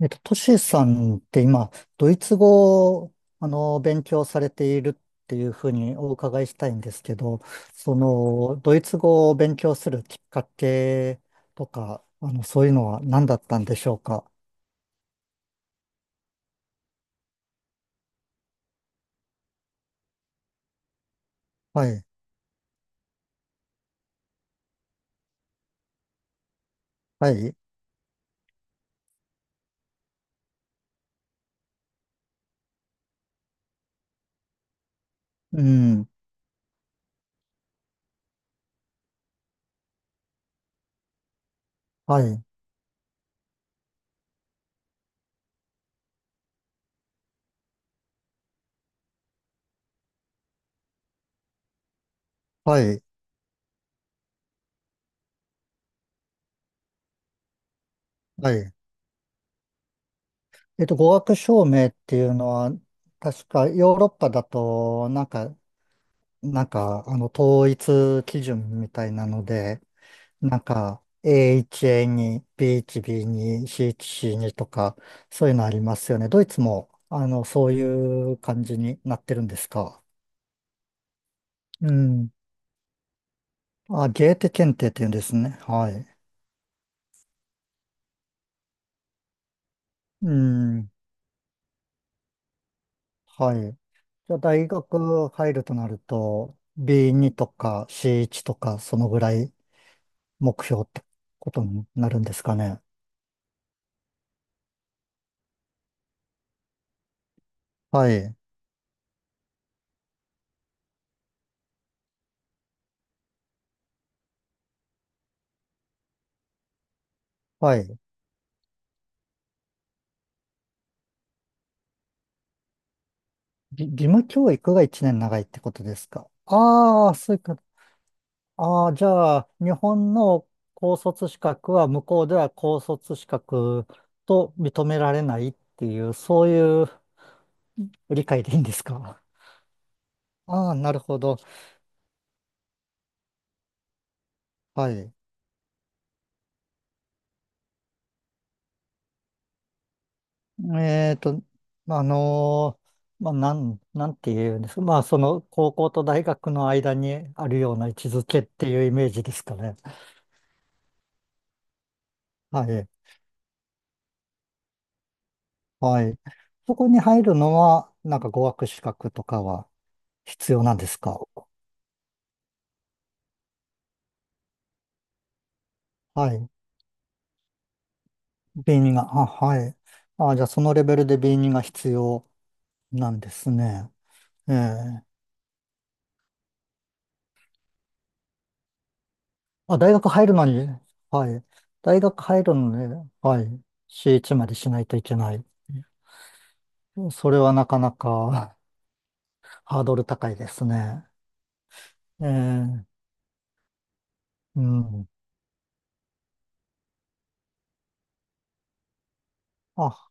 トシさんって今、ドイツ語を、勉強されているっていうふうにお伺いしたいんですけど、その、ドイツ語を勉強するきっかけとか、そういうのは何だったんでしょうか？はい、はい、うん、はい、はい、はい。語学証明っていうのは、確かヨーロッパだと、なんか、統一基準みたいなので、なんか、A1、A2、B1、B2、C1、C2 とか、そういうのありますよね。ドイツも、そういう感じになってるんですか？うん。あ、ゲーテ検定っていうんですね。はい。うん。はい。じゃあ、大学入るとなると、B2 とか C1 とか、そのぐらい目標ってことになるんですかね。はい。はい。義務教育が1年長いってことですか？ああー、そういうこ。ああ、じゃあ、日本の高卒資格は向こうでは高卒資格と認められないっていう、そういう理解でいいんですか？ ああ、なるほど。はい。えっと、まあまあ、なんて言うんですか。まあ、その、高校と大学の間にあるような位置づけっていうイメージですかね。はい。はい。そこに入るのは、なんか語学資格とかは必要なんですか？はい。B2 が、あ、はい。あ、じゃあそのレベルで B2 が必要なんですね。ええ。あ、大学入るのに、はい。大学入るのに、はい。C1 までしないといけない。それはなかなか ハードル高いですね。ええ、うん。あ、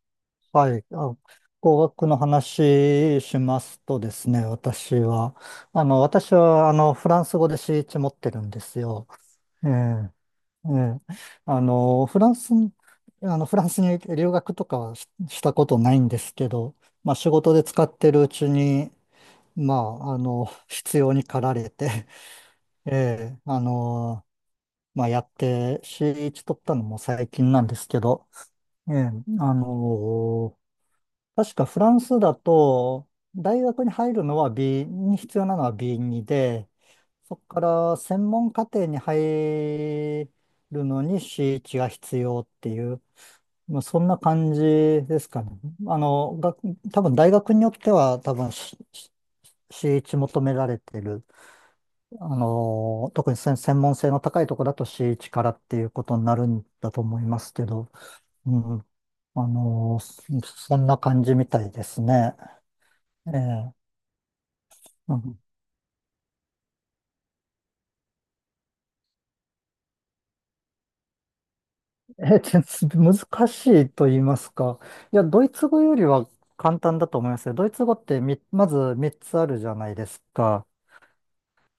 はい。あ、語学の話しますとですね、私は。私は、フランス語で C1 持ってるんですよ。ええええ、あの、フランスに、フランスに留学とかはしたことないんですけど、まあ仕事で使ってるうちに、まあ、必要に駆られて、ええ、まあやって、C1 取ったのも最近なんですけど、ええ、あの、確かフランスだと、大学に入るのは B に必要なのは B2 で、そこから専門課程に入るのに C1 が必要っていう、まあ、そんな感じですかね。あの、が、多分大学によっては多分 C1 求められてる。特に専門性の高いところだと C1 からっていうことになるんだと思いますけど、うん。そんな感じみたいですね。ええ、うん、ええ、全然難しいと言いますか。いや、ドイツ語よりは簡単だと思いますよ。ドイツ語ってまず3つあるじゃないですか。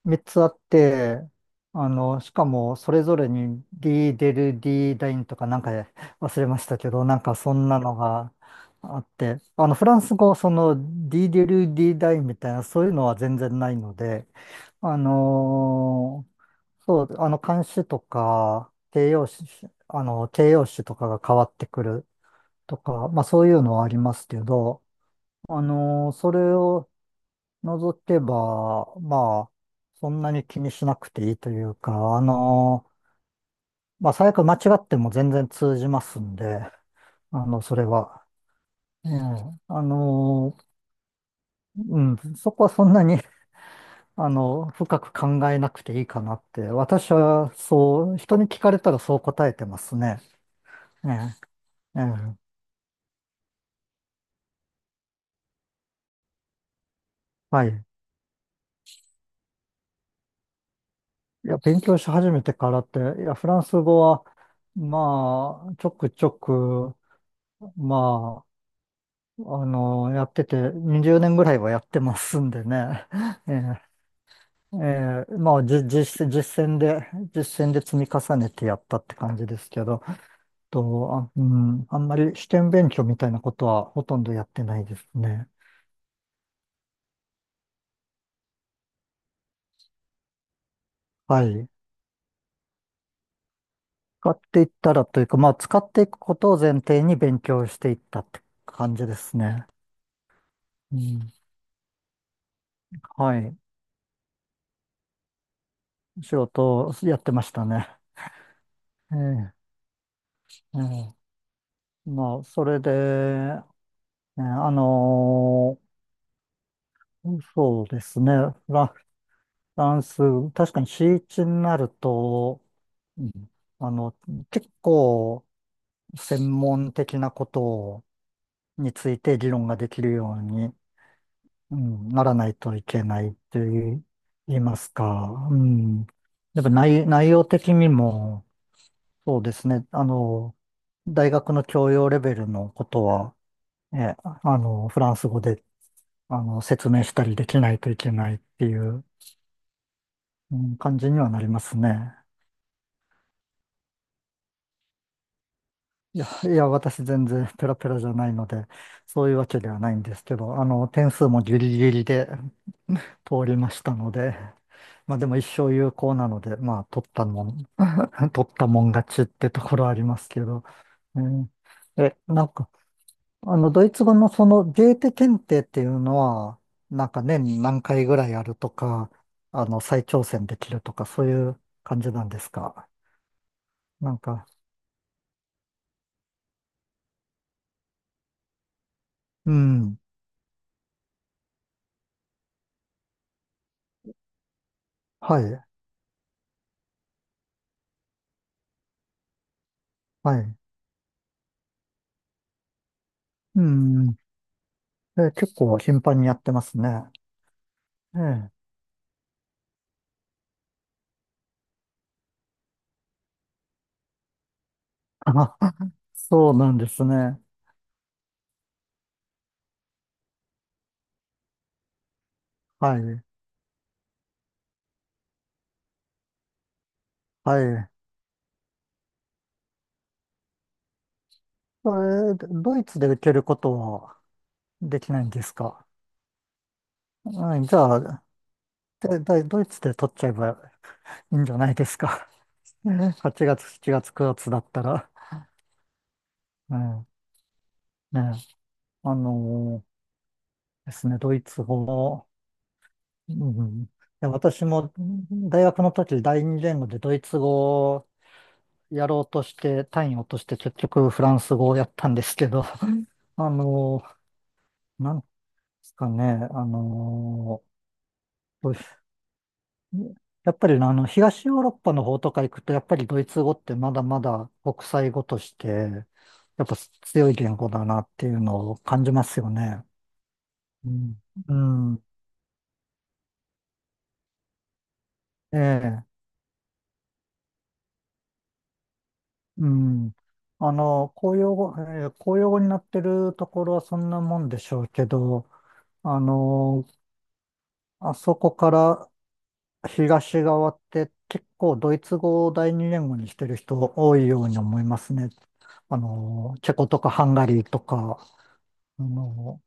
3つあって、しかもそれぞれに D デル D ダインとかなんか忘れましたけど、なんかそんなのがあって、フランス語、その D デル D ダインみたいなそういうのは全然ないので、あのーそう、冠詞とか、形容詞とかが変わってくるとか、まあそういうのはありますけど、それを除けば、まあ、そんなに気にしなくていいというか、あの、まあ、最悪間違っても全然通じますんで、それは。ええ、あの、うん、そこはそんなに、深く考えなくていいかなって、私はそう、人に聞かれたらそう答えてますね。ええ、ええ、はい。いや、勉強し始めてからって、いや、フランス語は、まあ、ちょくちょく、まあ、やってて、20年ぐらいはやってますんでね。ええ、ええ、まあ、じ、実、実践で、実践で積み重ねてやったって感じですけど、あ、うん、あんまり試験勉強みたいなことはほとんどやってないですね。はい。使っていったらというか、まあ、使っていくことを前提に勉強していったって感じですね。うん、はい。仕事をやってましたね。ええ、ええ、まあ、それで、ね、あのーそうですね。フランス、確かにシーチになると、うん、あの、結構専門的なことをについて議論ができるように、うん、ならないといけないという言いますか、うん。やっぱ内容的にも、そうですね。大学の教養レベルのことは、え、フランス語で、説明したりできないといけないっていう、うん、感じにはなりますね。いや、いや、私全然ペラペラじゃないので、そういうわけではないんですけど、点数もギリギリで通りましたので、まあでも一生有効なので、まあ取ったもん、取ったもん勝ちってところはありますけど、うん、なんか、ドイツ語のそのゲーテ検定っていうのは、なんか年に何回ぐらいあるとか、再挑戦できるとか、そういう感じなんですか。なんか、うん。はい。はい。うん。結構頻繁にやってますね。ええ。あ、そうなんですね。はい。はい。それ、ドイツで受けることはできないんですか？はい。じゃあ、ドイツで取っちゃえばいいんじゃないですか。ね、8月、7月、9月だったら。うん。ね。あのーですね、ドイツ語も、うん。いや、私も大学の時第二言語でドイツ語をやろうとして、単位を落として結局フランス語をやったんですけど、あの、なんですかね、あの、どうしやっぱり東ヨーロッパの方とか行くと、やっぱりドイツ語ってまだまだ国際語として、やっぱ強い言語だなっていうのを感じますよね。うん。うん。ええ。うん。あの、公用語、え公用語になってるところはそんなもんでしょうけど、あの、あそこから東側って結構ドイツ語を第二言語にしてる人多いように思いますね。チェコとかハンガリーとか、あの、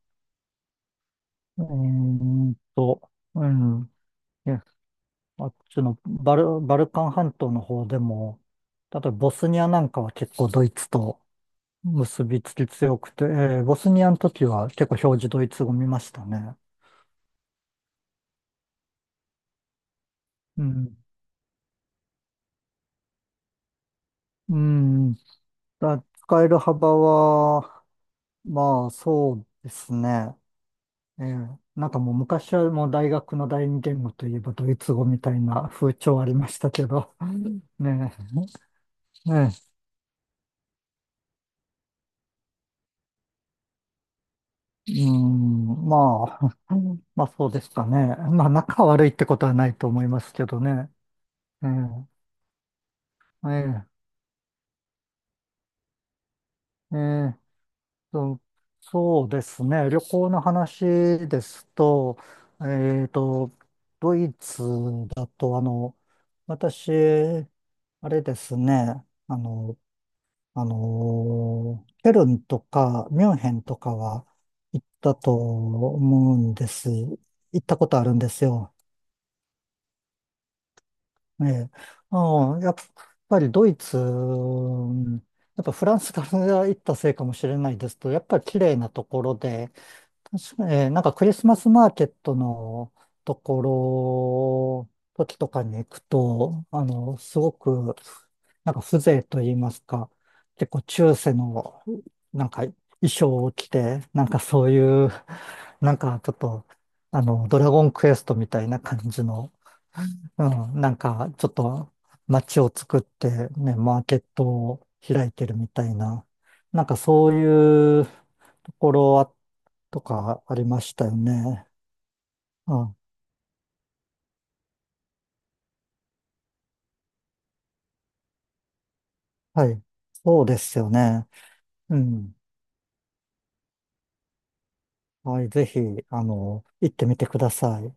うーうん、いや、あっちのバルカン半島の方でも、例えばボスニアなんかは結構ドイツと結びつき強くて、ボスニアの時は結構表示ドイツ語見ましたね。うん。うん。使える幅は、まあそうですね。ええ、なんかもう昔はもう大学の第二言語といえばドイツ語みたいな風潮ありましたけど、ねえ、ねえ、うん、まあ、まあそうですかね。まあ仲悪いってことはないと思いますけどね。ええ、ええ、ええ、そう、そうですね。旅行の話ですと、えっと、ドイツだと私、あれですね、ケルンとかミュンヘンとかは行ったと思うんです。行ったことあるんですよ。ええ。うん、やっぱりドイツ、うん、やっぱフランスから行ったせいかもしれないですとやっぱり綺麗なところで、確かに、なんかクリスマスマーケットのところ、時とかに行くと、すごく、なんか風情と言いますか、結構中世の、なんか衣装を着て、なんかそういう、なんかちょっと、ドラゴンクエストみたいな感じの、うん、なんか、ちょっと街を作ってね、マーケットを開いてるみたいな、なんかそういうところは、とかありましたよね。うん、はい。そうですよね。うん。はい、ぜひ、行ってみてください。